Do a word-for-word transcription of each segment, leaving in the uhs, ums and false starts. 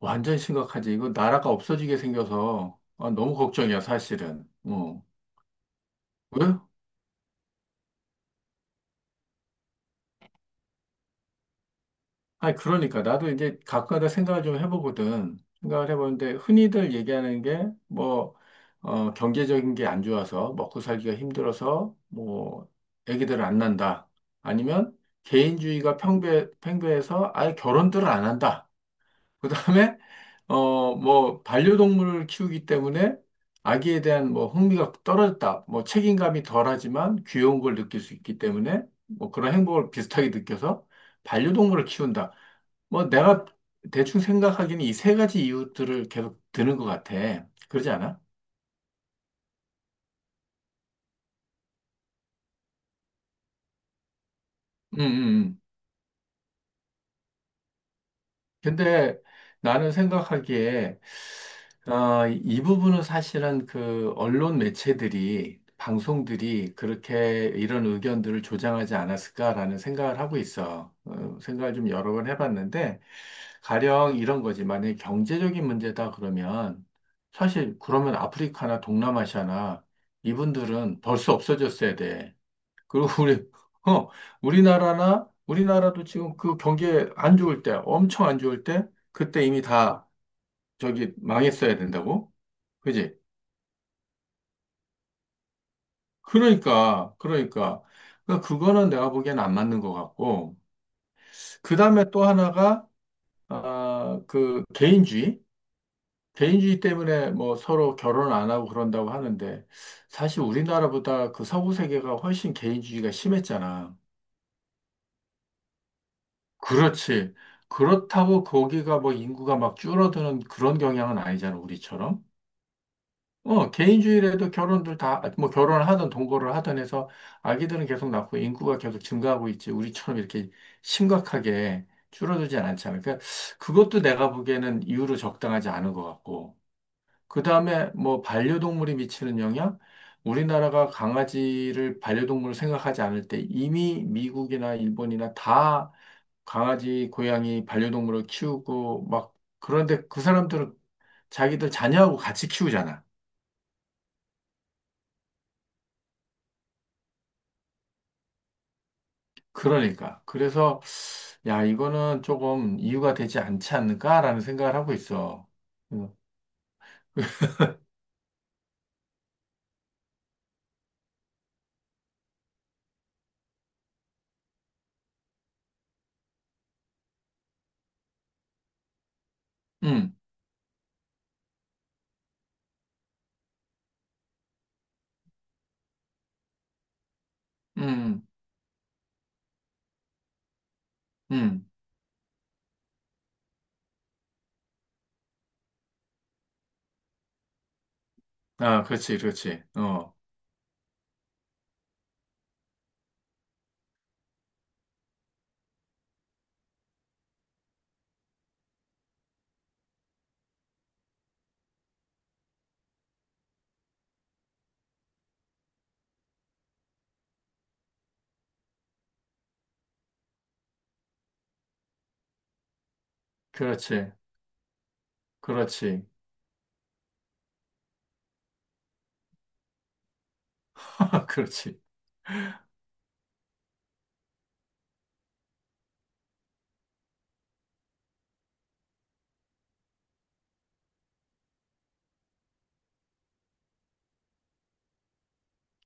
완전히 심각하지. 이거 나라가 없어지게 생겨서 아, 너무 걱정이야, 사실은. 어. 왜? 아니, 그러니까. 나도 이제 가끔가다 생각을 좀 해보거든. 생각을 해보는데, 흔히들 얘기하는 게, 뭐, 어, 경제적인 게 안 좋아서, 먹고 살기가 힘들어서, 뭐, 애기들을 안 낳는다. 아니면, 개인주의가 팽배, 팽배해서 아예 결혼들을 안 한다. 그다음에 어 뭐 반려동물을 키우기 때문에 아기에 대한 뭐 흥미가 떨어졌다. 뭐 책임감이 덜하지만 귀여운 걸 느낄 수 있기 때문에 뭐 그런 행복을 비슷하게 느껴서 반려동물을 키운다. 뭐 내가 대충 생각하기는 이 세 가지 이유들을 계속 드는 것 같아. 그러지 않아? 응, 응. 근데 나는 생각하기에 어, 이 부분은 사실은 그 언론 매체들이 방송들이 그렇게 이런 의견들을 조장하지 않았을까라는 생각을 하고 있어. 어, 생각을 좀 여러 번 해봤는데 가령 이런 거지. 만약에 경제적인 문제다 그러면 사실 그러면 아프리카나 동남아시아나 이분들은 벌써 없어졌어야 돼. 그리고 우리, 어, 우리나라나, 우리나라도 지금 그 경기에 안 좋을 때, 엄청 안 좋을 때, 그때 이미 다 저기 망했어야 된다고? 그지? 그러니까, 그러니까. 그러니까 그거는 내가 보기엔 안 맞는 것 같고. 그 다음에 또 하나가, 아, 그 개인주의? 개인주의 때문에 뭐 서로 결혼 안 하고 그런다고 하는데, 사실 우리나라보다 그 서구 세계가 훨씬 개인주의가 심했잖아. 그렇지. 그렇다고 거기가 뭐 인구가 막 줄어드는 그런 경향은 아니잖아, 우리처럼. 어, 개인주의라도 결혼들 다, 뭐 결혼을 하든 동거를 하든 해서 아기들은 계속 낳고 인구가 계속 증가하고 있지. 우리처럼 이렇게 심각하게 줄어들진 않잖아. 그러니까 그것도 내가 보기에는 이유로 적당하지 않은 것 같고. 그 다음에 뭐 반려동물이 미치는 영향? 우리나라가 강아지를 반려동물로 생각하지 않을 때 이미 미국이나 일본이나 다 강아지, 고양이, 반려동물을 키우고 막 그런데 그 사람들은 자기들 자녀하고 같이 키우잖아. 그러니까. 그래서 야, 이거는 조금 이유가 되지 않지 않을까라는 생각을 하고 있어. 응, 응. 응, 응. 아, 그렇지, 그렇지. 어, 그렇지, 그렇지, 그렇지.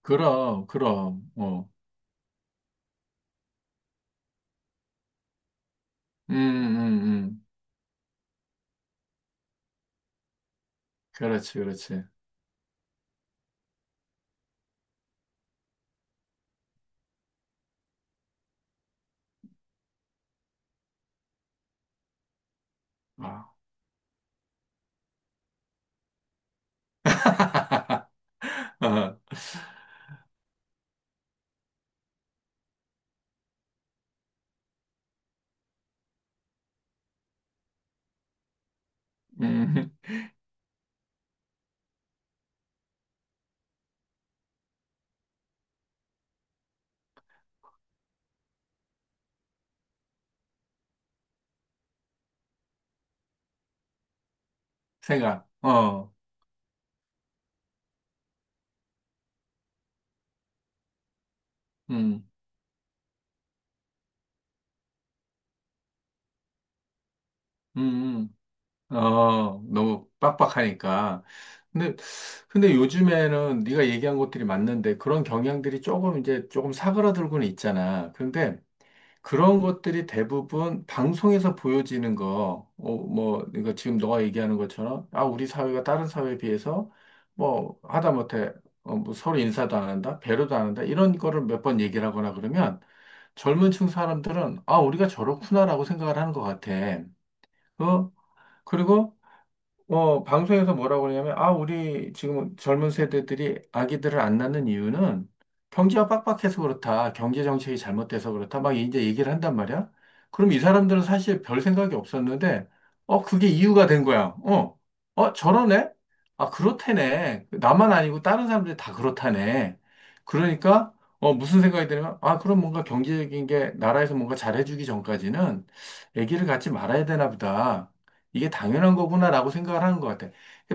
그럼, 그럼, 어. 음, 음, 음. 그렇지, 그렇지. 아. 어, 음, 생각, 어, 음, 음, 음. 어, 너무 빡빡하니까. 근데, 근데 요즘에는 네가 얘기한 것들이 맞는데 그런 경향들이 조금 이제 조금 사그라들고는 있잖아. 근데 그런 것들이 대부분 방송에서 보여지는 거, 어, 뭐, 그러니까 지금 너가 얘기하는 것처럼, 아, 우리 사회가 다른 사회에 비해서, 뭐, 하다못해, 어, 뭐 서로 인사도 안 한다, 배려도 안 한다, 이런 거를 몇 번 얘기를 하거나 그러면 젊은 층 사람들은, 아, 우리가 저렇구나라고 생각을 하는 것 같아. 어? 그리고 어, 방송에서 뭐라고 그러냐면, 아, 우리 지금 젊은 세대들이 아기들을 안 낳는 이유는 경제가 빡빡해서 그렇다. 경제 정책이 잘못돼서 그렇다. 막 이제 얘기를 한단 말이야. 그럼 이 사람들은 사실 별 생각이 없었는데, 어, 그게 이유가 된 거야. 어, 어, 저러네? 아, 그렇다네. 나만 아니고 다른 사람들이 다 그렇다네. 그러니까, 어, 무슨 생각이 드냐면, 아, 그럼 뭔가 경제적인 게 나라에서 뭔가 잘해주기 전까지는 아기를 갖지 말아야 되나 보다. 이게 당연한 거구나라고 생각을 하는 것 같아.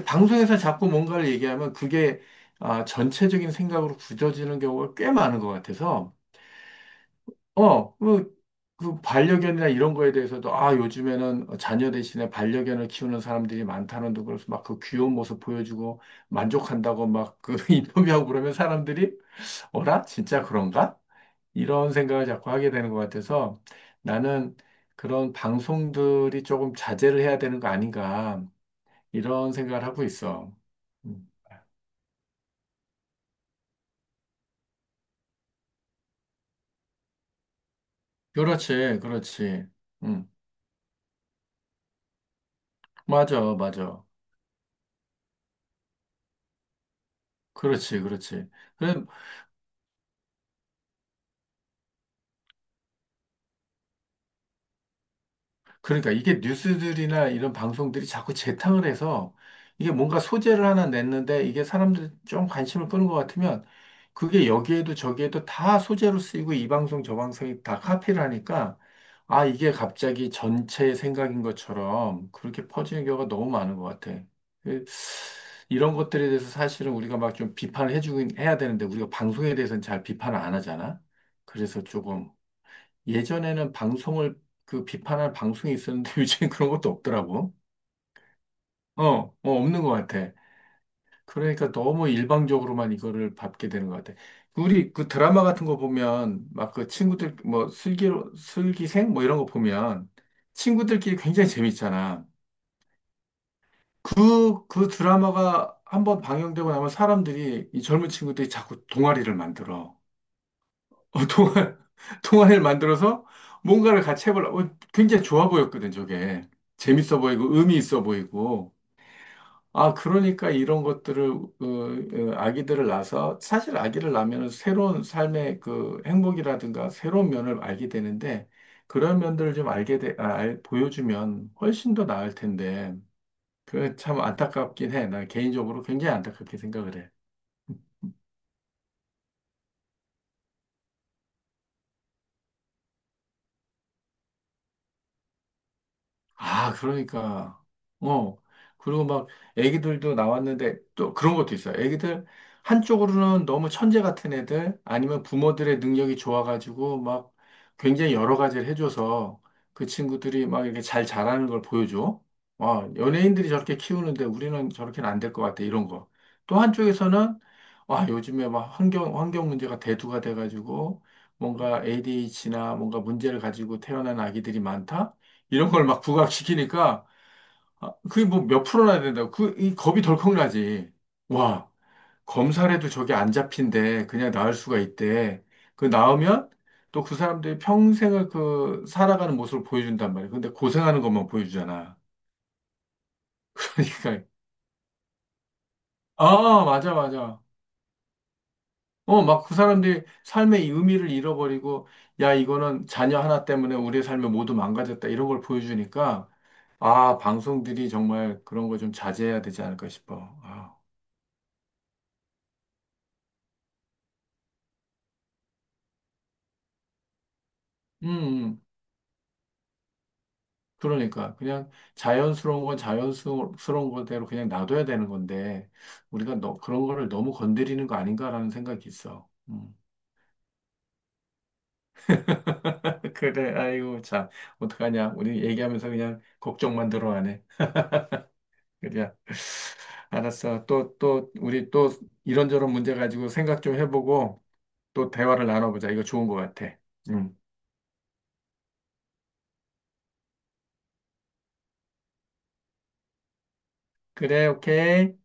방송에서 자꾸 뭔가를 얘기하면 그게 아, 전체적인 생각으로 굳어지는 경우가 꽤 많은 것 같아서, 어, 그, 그 반려견이나 이런 거에 대해서도, 아, 요즘에는 자녀 대신에 반려견을 키우는 사람들이 많다는 둥 그래서 막 그 귀여운 모습 보여주고 만족한다고 막 그 인터뷰하고 그러면 사람들이, 어라? 진짜 그런가? 이런 생각을 자꾸 하게 되는 것 같아서 나는 그런 방송들이 조금 자제를 해야 되는 거 아닌가. 이런 생각을 하고 있어. 음. 그렇지, 그렇지. 음. 맞아, 맞아. 그렇지, 그렇지. 그래, 그러니까 이게 뉴스들이나 이런 방송들이 자꾸 재탕을 해서 이게 뭔가 소재를 하나 냈는데 이게 사람들 좀 관심을 끄는 것 같으면 그게 여기에도 저기에도 다 소재로 쓰이고 이 방송 저 방송이 다 카피를 하니까 아, 이게 갑자기 전체의 생각인 것처럼 그렇게 퍼지는 경우가 너무 많은 것 같아. 그- 이런 것들에 대해서 사실은 우리가 막 좀 비판을 해주긴 해야 되는데 우리가 방송에 대해서는 잘 비판을 안 하잖아. 그래서 조금 예전에는 방송을 그 비판할 방송이 있었는데 요즘엔 그런 것도 없더라고. 어, 어, 없는 것 같아. 그러니까 너무 일방적으로만 이거를 받게 되는 것 같아. 우리 그 드라마 같은 거 보면 막 그 친구들 뭐 슬기로 슬기생 뭐 이런 거 보면 친구들끼리 굉장히 재밌잖아. 그, 그 드라마가 한번 방영되고 나면 사람들이 이 젊은 친구들이 자꾸 동아리를 만들어. 어, 동화, 동화를 만들어서 뭔가를 같이 해보려고. 어, 굉장히 좋아 보였거든, 저게. 재밌어 보이고, 의미 있어 보이고. 아, 그러니까 이런 것들을, 어, 어, 아기들을 낳아서, 사실 아기를 낳으면 새로운 삶의 그 행복이라든가 새로운 면을 알게 되는데, 그런 면들을 좀 알게 돼, 아, 알- 보여주면 훨씬 더 나을 텐데, 그참 안타깝긴 해. 나 개인적으로 굉장히 안타깝게 생각을 해. 아, 그러니까. 어. 그리고 막 애기들도 나왔는데 또 그런 것도 있어요. 애기들 한쪽으로는 너무 천재 같은 애들 아니면 부모들의 능력이 좋아가지고 막 굉장히 여러 가지를 해줘서 그 친구들이 막 이렇게 잘 자라는 걸 보여줘. 와, 연예인들이 저렇게 키우는데 우리는 저렇게는 안 될 것 같아. 이런 거. 또 한쪽에서는 와, 요즘에 막 환경, 환경 문제가 대두가 돼가지고 뭔가 에이디에이치디나 뭔가 문제를 가지고 태어난 아기들이 많다? 이런 걸 막 부각시키니까 아, 그게 뭐 몇 프로나 된다고 그 이 겁이 덜컥 나지. 와 검사래도 저게 안 잡힌데 그냥 나을 수가 있대. 그 나으면 또 그 사람들이 평생을 그 살아가는 모습을 보여준단 말이야. 근데 고생하는 것만 보여주잖아. 그러니까 아 맞아, 맞아. 어 막 그 사람들이 삶의 이 의미를 잃어버리고 야 이거는 자녀 하나 때문에 우리의 삶이 모두 망가졌다 이런 걸 보여주니까 아 방송들이 정말 그런 거 좀 자제해야 되지 않을까 싶어. 아. 음, 음. 그러니까 그냥 자연스러운 건 자연스러운 거대로 그냥 놔둬야 되는 건데 우리가 너, 그런 거를 너무 건드리는 거 아닌가라는 생각이 있어. 음. 그래, 아이고 참 어떡하냐? 우리 얘기하면서 그냥 걱정만 들어가네. 그냥 알았어. 또 또 우리 또 이런저런 문제 가지고 생각 좀 해보고 또 대화를 나눠보자. 이거 좋은 것 같아. 음. 그래, 오케이.